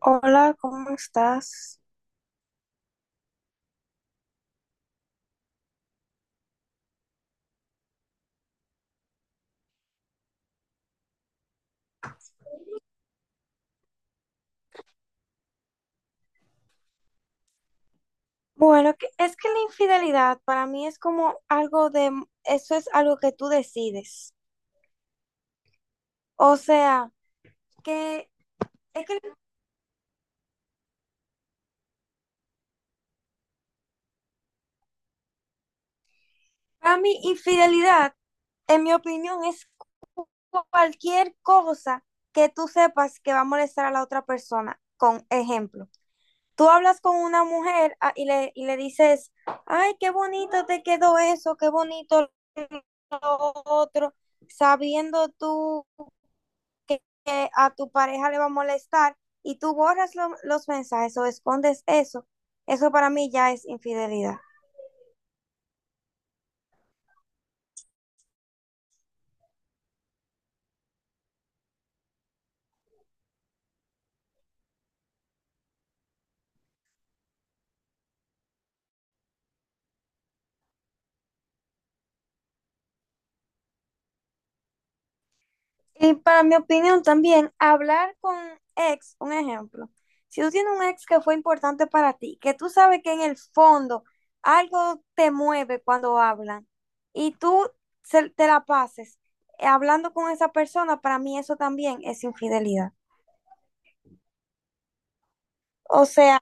Hola, ¿cómo estás? Bueno, es que la infidelidad para mí es como algo de, eso es algo que tú decides. O sea, que es que para mí infidelidad, en mi opinión, es cualquier cosa que tú sepas que va a molestar a la otra persona. Con ejemplo, tú hablas con una mujer y le dices, ay, qué bonito te quedó eso, qué bonito lo otro, sabiendo tú. Que, a tu pareja le va a molestar y tú borras los mensajes o escondes eso, eso para mí ya es infidelidad. Y para mi opinión también, hablar con ex, un ejemplo, si tú tienes un ex que fue importante para ti, que tú sabes que en el fondo algo te mueve cuando hablan y tú te la pases hablando con esa persona, para mí eso también es infidelidad. O sea,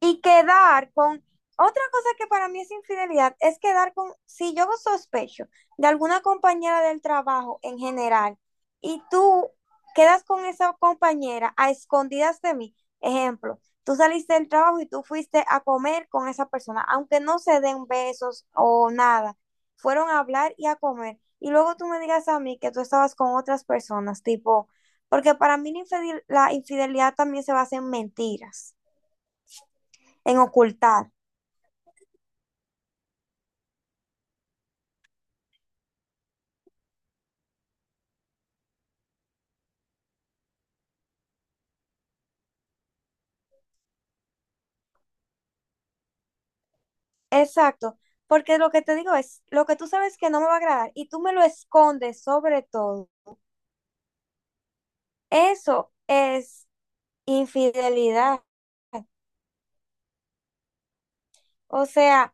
y quedar con, otra cosa que para mí es infidelidad, es quedar con, si yo sospecho de alguna compañera del trabajo en general y tú quedas con esa compañera a escondidas de mí, ejemplo, tú saliste del trabajo y tú fuiste a comer con esa persona, aunque no se den besos o nada, fueron a hablar y a comer. Y luego tú me digas a mí que tú estabas con otras personas, tipo, porque para mí la infidelidad también se basa en mentiras, en ocultar. Exacto, porque lo que te digo es, lo que tú sabes que no me va a agradar y tú me lo escondes sobre todo, eso es infidelidad. O sea...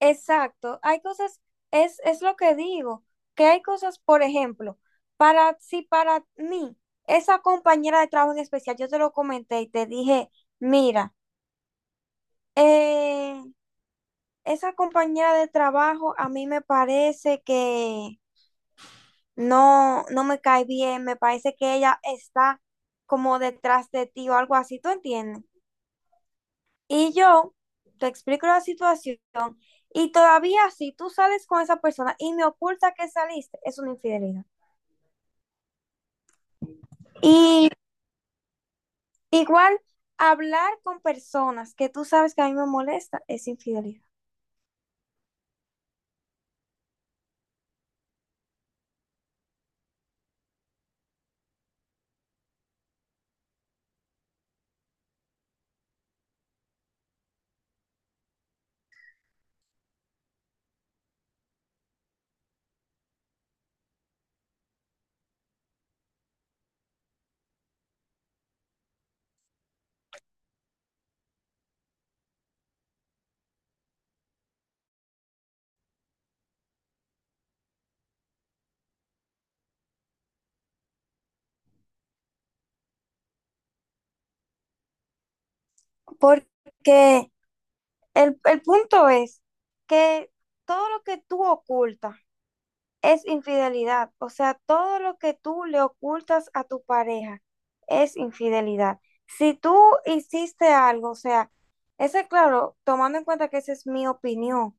Exacto, hay cosas, es lo que digo, que hay cosas, por ejemplo, para, si para mí, esa compañera de trabajo en especial, yo te lo comenté y te dije, mira, eh, esa compañera de trabajo a mí me parece que no, no me cae bien, me parece que ella está como detrás de ti o algo así, ¿tú entiendes? Y yo te explico la situación y todavía si tú sales con esa persona y me oculta que saliste, es una infidelidad. Y igual hablar con personas que tú sabes que a mí me molesta es infidelidad. Porque el punto es que todo lo que tú ocultas es infidelidad. O sea, todo lo que tú le ocultas a tu pareja es infidelidad. Si tú hiciste algo, o sea, ese claro, tomando en cuenta que esa es mi opinión.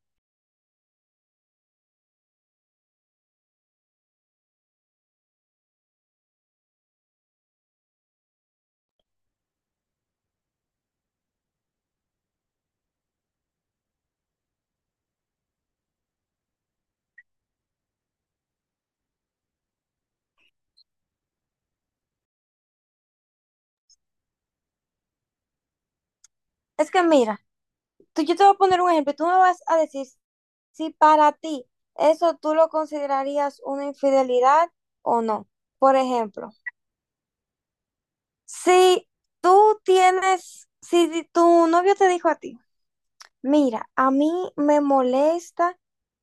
Es que mira, tú, yo te voy a poner un ejemplo, tú me vas a decir si para ti eso tú lo considerarías una infidelidad o no. Por ejemplo, si tú tienes, si tu novio te dijo a ti, mira, a mí me molesta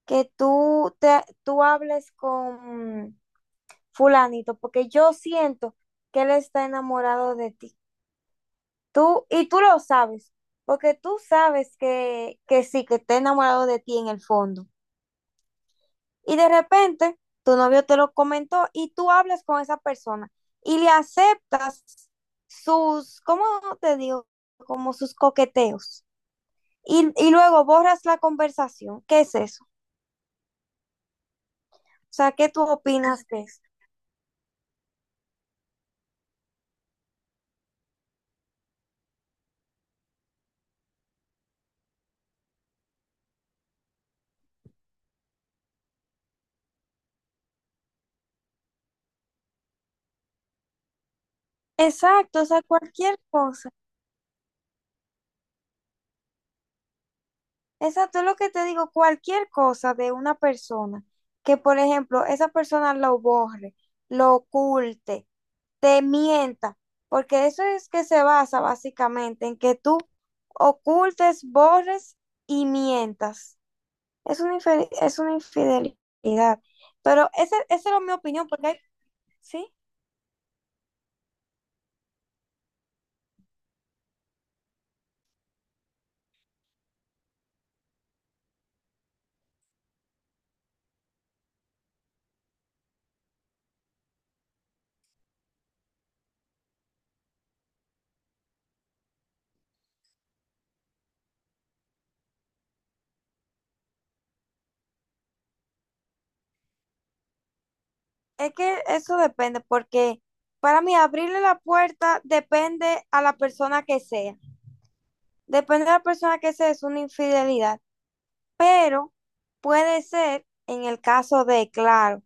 que tú hables con fulanito, porque yo siento que él está enamorado de ti. Tú, y tú lo sabes, porque tú sabes que sí, que está enamorado de ti en el fondo. Y de repente tu novio te lo comentó y tú hablas con esa persona y le aceptas sus, ¿cómo te digo? Como sus coqueteos. Y luego borras la conversación. ¿Qué es eso? O sea, ¿qué tú opinas de eso? Exacto, o sea, cualquier cosa. Exacto, es lo que te digo, cualquier cosa de una persona, que por ejemplo, esa persona lo borre, lo oculte, te mienta, porque eso es que se basa básicamente en que tú ocultes, borres y mientas. Es una, es una infidelidad. Pero esa es mi opinión, porque hay, ¿sí? Es que eso depende, porque para mí abrirle la puerta depende a la persona que sea. Depende de la persona que sea, es una infidelidad. Pero puede ser, en el caso de, claro,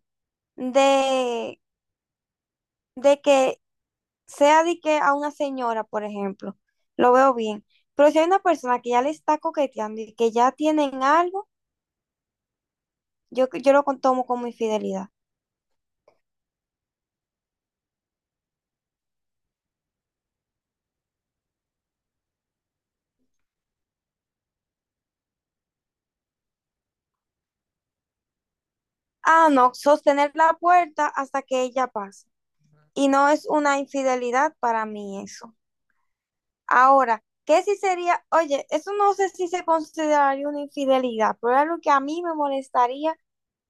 de, de que sea de que a una señora, por ejemplo, lo veo bien. Pero si hay una persona que ya le está coqueteando y que ya tienen algo, yo tomo como infidelidad. Ah, no, sostener la puerta hasta que ella pase. Y no es una infidelidad para mí eso. Ahora, ¿qué si sería? Oye, eso no sé si se consideraría una infidelidad, pero es algo que a mí me molestaría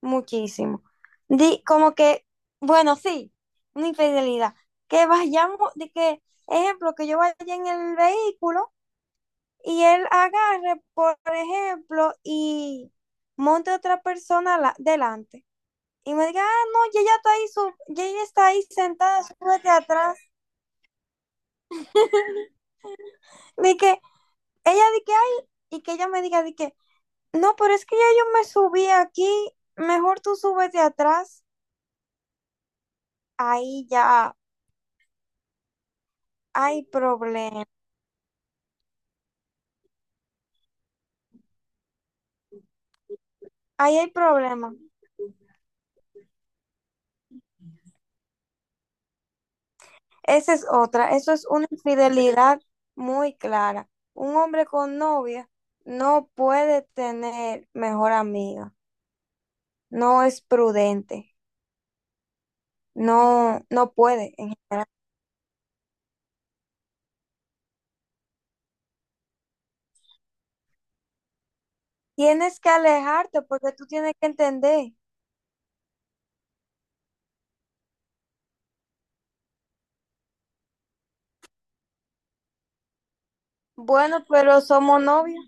muchísimo. Di, como que, bueno, sí, una infidelidad. Que vayamos, de que, ejemplo, que yo vaya en el vehículo y él agarre, por ejemplo, y monte a otra persona delante. Y me diga, ah, no, ya ella está ahí, ya ella está ahí sentada, súbete atrás. De que ella di que, ay, y que ella me diga, de que, no, pero es que ya yo me subí aquí, mejor tú súbete atrás. Ahí ya hay problema, ahí hay problema. Esa es otra, eso es una infidelidad muy clara. Un hombre con novia no puede tener mejor amiga, no es prudente, no, no puede en tienes que alejarte porque tú tienes que entender. Bueno, pero somos novios.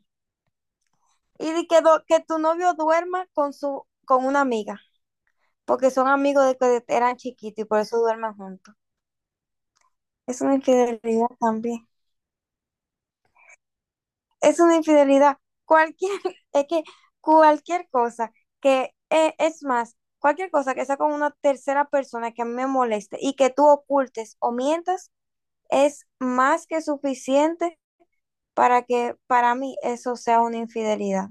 Y di que, que tu novio duerma con su con una amiga, porque son amigos de que eran chiquitos y por eso duermen juntos. Es una infidelidad también. Es una infidelidad. Cualquier, es que cualquier cosa que, es más, cualquier cosa que sea con una tercera persona que a mí me moleste y que tú ocultes o mientas, es más que suficiente para que para mí eso sea una infidelidad.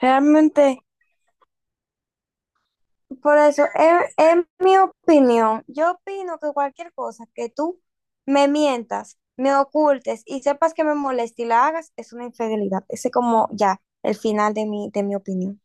Realmente, por eso, en mi opinión. Yo opino que cualquier cosa que tú me mientas, me ocultes y sepas que me molesta y la hagas, es una infidelidad. Ese es como ya el final de mi opinión.